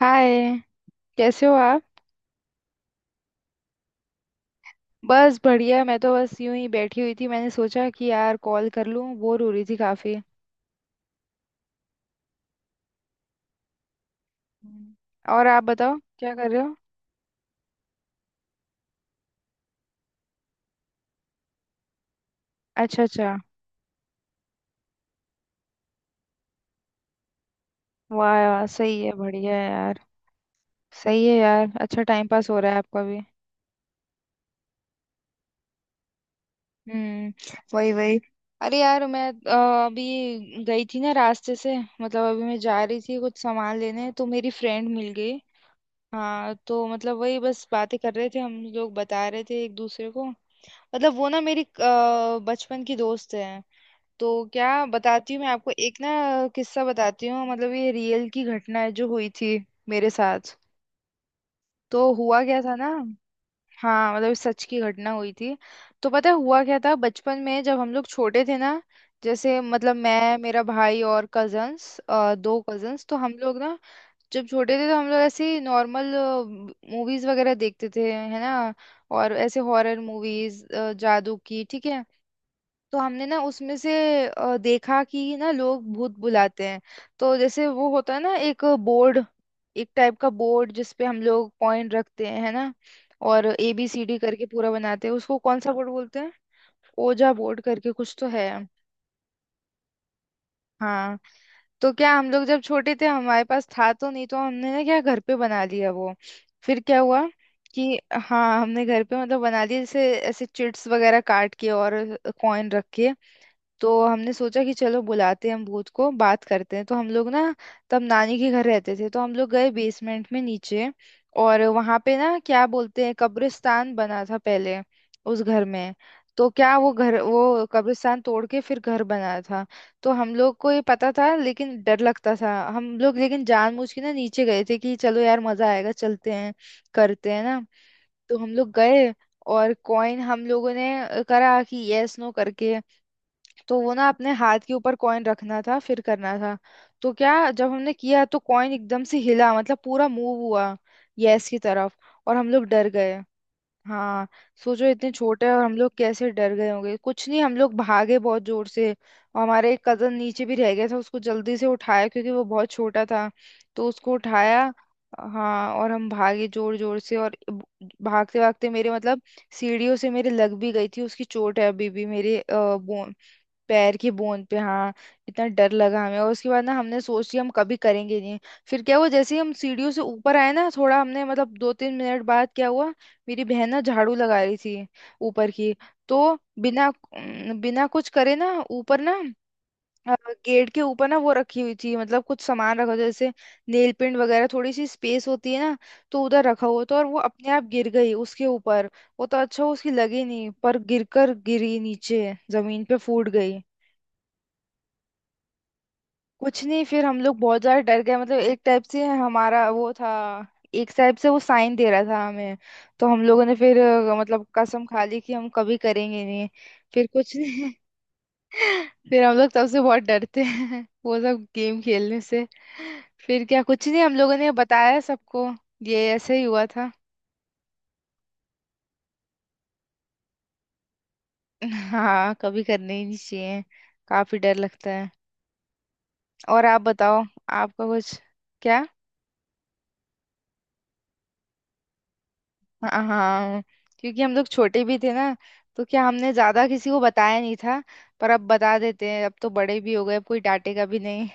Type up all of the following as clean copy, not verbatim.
हाय, कैसे हो आप। बस बढ़िया, मैं तो बस यूं ही बैठी हुई थी, मैंने सोचा कि यार कॉल कर लूं, बोर हो रही थी काफी। हम्म। और आप बताओ क्या कर रहे हो। अच्छा अच्छा। वाह वाह, सही है, बढ़िया है यार। सही है यार, अच्छा टाइम पास हो रहा है आपका भी। हम्म। वही वही। अरे यार, मैं अभी गई थी ना रास्ते से, मतलब अभी मैं जा रही थी कुछ सामान लेने, तो मेरी फ्रेंड मिल गई। हाँ, तो मतलब वही बस बातें कर रहे थे हम लोग, बता रहे थे एक दूसरे को। मतलब वो ना मेरी बचपन की दोस्त है। तो क्या बताती हूँ मैं आपको एक ना, किस्सा बताती हूँ, मतलब ये रियल की घटना है जो हुई थी मेरे साथ। तो हुआ क्या था ना। हाँ, मतलब सच की घटना हुई थी। तो पता है हुआ क्या था, बचपन में जब हम लोग छोटे थे ना, जैसे मतलब मैं, मेरा भाई और कजन्स, दो कजन्स, तो हम लोग ना जब छोटे थे तो हम लोग ऐसे नॉर्मल मूवीज वगैरह देखते थे है ना, और ऐसे हॉरर मूवीज, जादू की, ठीक है। तो हमने ना उसमें से देखा कि ना लोग भूत बुलाते हैं। तो जैसे वो होता है ना एक बोर्ड, एक टाइप का बोर्ड जिसपे हम लोग पॉइंट रखते हैं है ना, और ए बी सी डी करके पूरा बनाते हैं उसको, कौन सा बोर्ड बोलते हैं, ओजा बोर्ड करके कुछ तो है। हाँ। तो क्या, हम लोग जब छोटे थे हमारे पास था तो नहीं, तो हमने ना क्या घर पे बना लिया वो। फिर क्या हुआ कि हाँ, हमने घर पे मतलब बना लिया, जैसे ऐसे चिट्स वगैरह काट के और कॉइन रख के। तो हमने सोचा कि चलो बुलाते हैं हम भूत को, बात करते हैं। तो हम लोग ना तब नानी के घर रहते थे, तो हम लोग गए बेसमेंट में नीचे, और वहां पे ना क्या बोलते हैं, कब्रिस्तान बना था पहले उस घर में। तो क्या वो घर, वो कब्रिस्तान तोड़ के फिर घर बनाया था। तो हम लोग को ये पता था लेकिन डर लगता था हम लोग, लेकिन जानबूझ के ना नीचे गए थे कि चलो यार मजा आएगा, चलते हैं, करते हैं ना। तो हम लोग गए, और कॉइन हम लोगों ने करा कि यस नो करके। तो वो ना अपने हाथ के ऊपर कॉइन रखना था फिर करना था। तो क्या, जब हमने किया तो कॉइन एकदम से हिला, मतलब पूरा मूव हुआ यस की तरफ। और हम लोग डर गए। हाँ, सोचो इतने छोटे और हम लोग कैसे डर गए होंगे, कुछ नहीं, हम लोग भागे बहुत जोर से, और हमारे एक कजन नीचे भी रह गया था, उसको जल्दी से उठाया क्योंकि वो बहुत छोटा था, तो उसको उठाया। हाँ, और हम भागे जोर जोर से और भागते भागते मेरे मतलब सीढ़ियों से मेरे लग भी गई थी, उसकी चोट है अभी भी मेरे पैर की बूंद पे, हाँ। इतना डर लगा हमें, और उसके बाद ना हमने सोच लिया हम कभी करेंगे नहीं। फिर क्या हुआ, जैसे ही हम सीढ़ियों से ऊपर आए ना, थोड़ा हमने मतलब दो तीन मिनट बाद क्या हुआ, मेरी बहन ना झाड़ू लगा रही थी ऊपर की। तो बिना बिना कुछ करे ना ऊपर ना अ, गेट के ऊपर ना वो रखी हुई थी, मतलब कुछ सामान रखा था जैसे नेल पेंट वगैरह, थोड़ी सी स्पेस होती है ना, तो उधर रखा हुआ था, और वो अपने आप गिर गई उसके ऊपर। वो तो अच्छा हुआ उसकी लगी नहीं, पर गिरकर गिरी नीचे जमीन पे फूट गई। कुछ नहीं, फिर हम लोग बहुत ज्यादा डर गए, मतलब एक टाइप से हमारा वो था, एक टाइप से वो साइन दे रहा था हमें। तो हम लोगों ने फिर मतलब कसम खा ली कि हम कभी करेंगे नहीं। फिर कुछ नहीं। फिर हम लोग तब से बहुत डरते हैं वो सब गेम खेलने से। फिर क्या, कुछ नहीं, हम लोगों ने बताया सबको, ये ऐसे ही हुआ था। हाँ, कभी करने ही नहीं चाहिए, काफी डर लगता है। और आप बताओ, आपका कुछ। क्या। हाँ, क्योंकि हम लोग छोटे भी थे ना, तो क्या हमने ज्यादा किसी को बताया नहीं था, पर अब बता देते हैं, अब तो बड़े भी हो गए, अब कोई डांटेगा भी नहीं।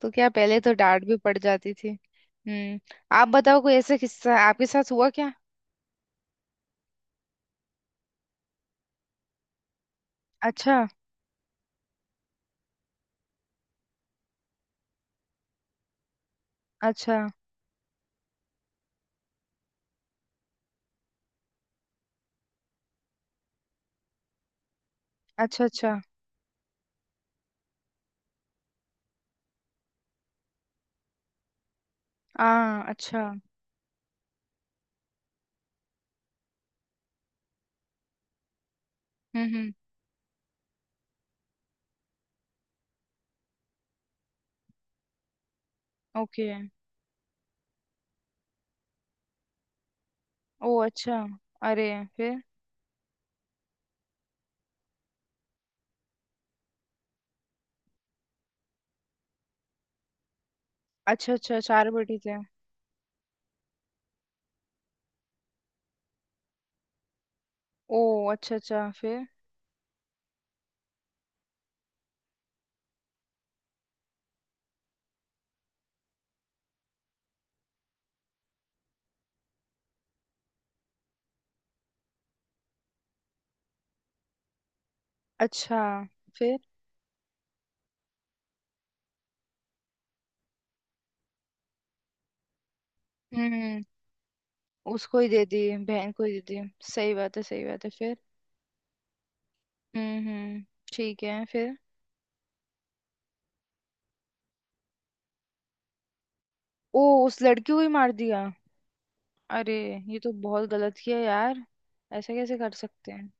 तो क्या, पहले तो डांट भी पड़ जाती थी। हम्म। आप बताओ कोई ऐसा किस्सा आपके साथ हुआ क्या। अच्छा। अच्छा। अच्छा अच्छा। आ। अच्छा। हम्म। ओके। ओ अच्छा। अरे, फिर। अच्छा अच्छा, चार बेटी थे। ओ अच्छा अच्छा, फिर। अच्छा, फिर। हम्म, उसको ही दे दी, बहन को ही दे दी। सही बात है, सही बात है, फिर। हम्म, ठीक है, फिर। ओ, उस लड़की को ही मार दिया। अरे, ये तो बहुत गलत किया यार, ऐसा कैसे कर सकते हैं।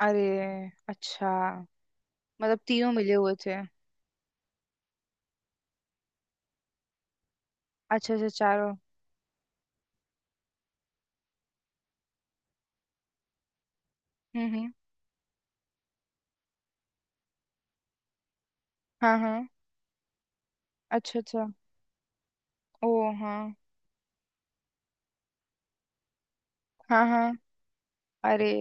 अरे। अच्छा, मतलब तीनों मिले हुए थे। अच्छा अच्छा, चारों। हम्म। हाँ हाँ। अच्छा अच्छा। ओ हाँ। हाँ हाँ। अरे।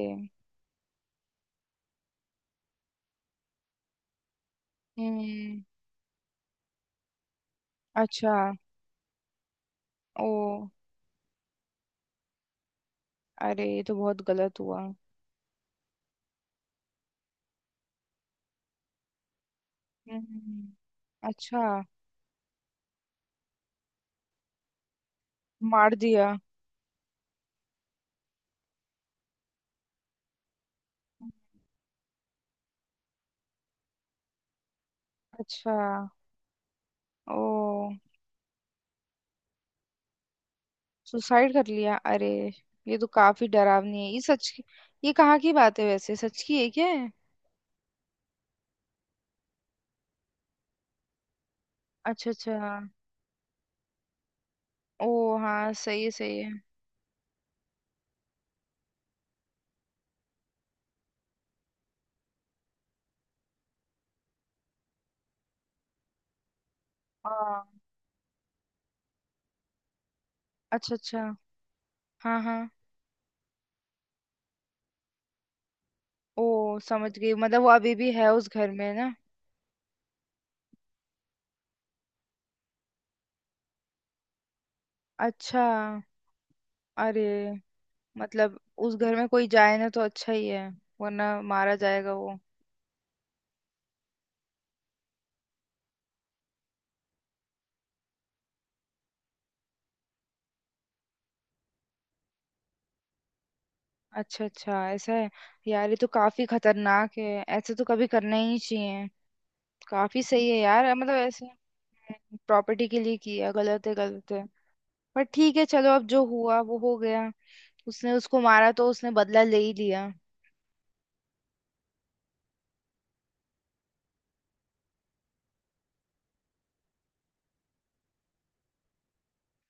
हम्म। अच्छा। ओ। अरे, ये तो बहुत गलत हुआ। हम्म। अच्छा। मार दिया। अच्छा। ओ, सुसाइड कर लिया, अरे। ये तो काफी डरावनी है ये सच की। ये कहाँ की बात है वैसे, सच की है क्या है। अच्छा अच्छा। ओ हाँ, सही है सही है। हाँ। अच्छा अच्छा। हाँ हाँ। ओ समझ गई, मतलब वो अभी भी है उस घर में ना। अच्छा। अरे, मतलब उस घर में कोई जाए ना तो अच्छा ही है, वरना मारा जाएगा वो। अच्छा अच्छा, ऐसा है। यार ये तो काफी खतरनाक है, ऐसे तो कभी करना ही नहीं चाहिए। काफी सही है यार, मतलब ऐसे। प्रॉपर्टी के लिए किया, गलत है गलत है, पर ठीक है, चलो अब जो हुआ वो हो गया। उसने उसको मारा तो उसने बदला ले ही लिया।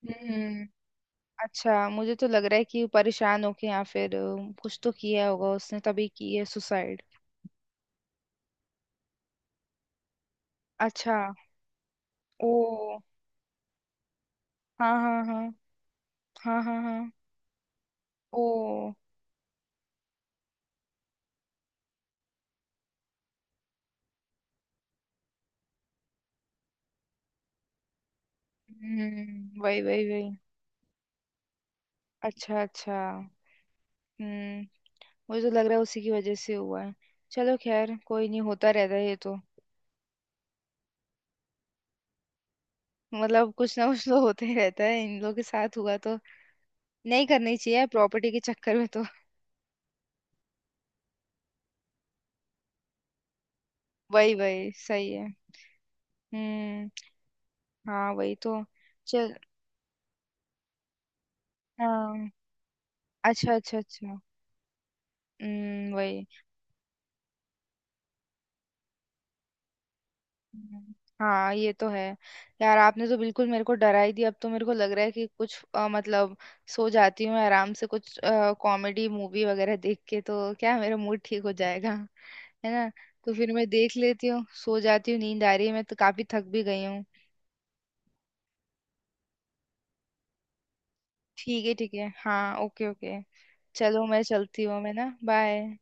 हम्म। अच्छा, मुझे तो लग रहा है कि परेशान होके, या फिर कुछ तो किया होगा उसने तभी की है सुसाइड। अच्छा। ओ। हाँ हाँ हाँ। हाँ हाँ हाँ। ओ। हम्म, वही वही वही। अच्छा अच्छा। हम्म। मुझे तो लग रहा है उसी की वजह से हुआ है। चलो खैर, कोई नहीं, होता रहता है ये तो। मतलब कुछ ना कुछ तो होते ही रहता है, इन लोगों के साथ हुआ तो। नहीं करनी चाहिए प्रॉपर्टी के चक्कर में तो। वही वही, सही है। हम्म। हाँ, वही तो। चल। हाँ। अच्छा अच्छा अच्छा। हम्म, वही। हम्म, हाँ ये तो है। यार आपने तो बिल्कुल मेरे को डरा ही दिया, अब तो मेरे को लग रहा है कि कुछ मतलब सो जाती हूँ आराम से, कुछ कॉमेडी मूवी वगैरह देख के तो क्या मेरा मूड ठीक हो जाएगा, है ना। तो फिर मैं देख लेती हूँ, सो जाती हूँ, नींद आ रही है, मैं तो काफी थक भी गई हूँ। ठीक है ठीक है, हाँ, ओके ओके। चलो मैं चलती हूँ, मैं ना, बाय।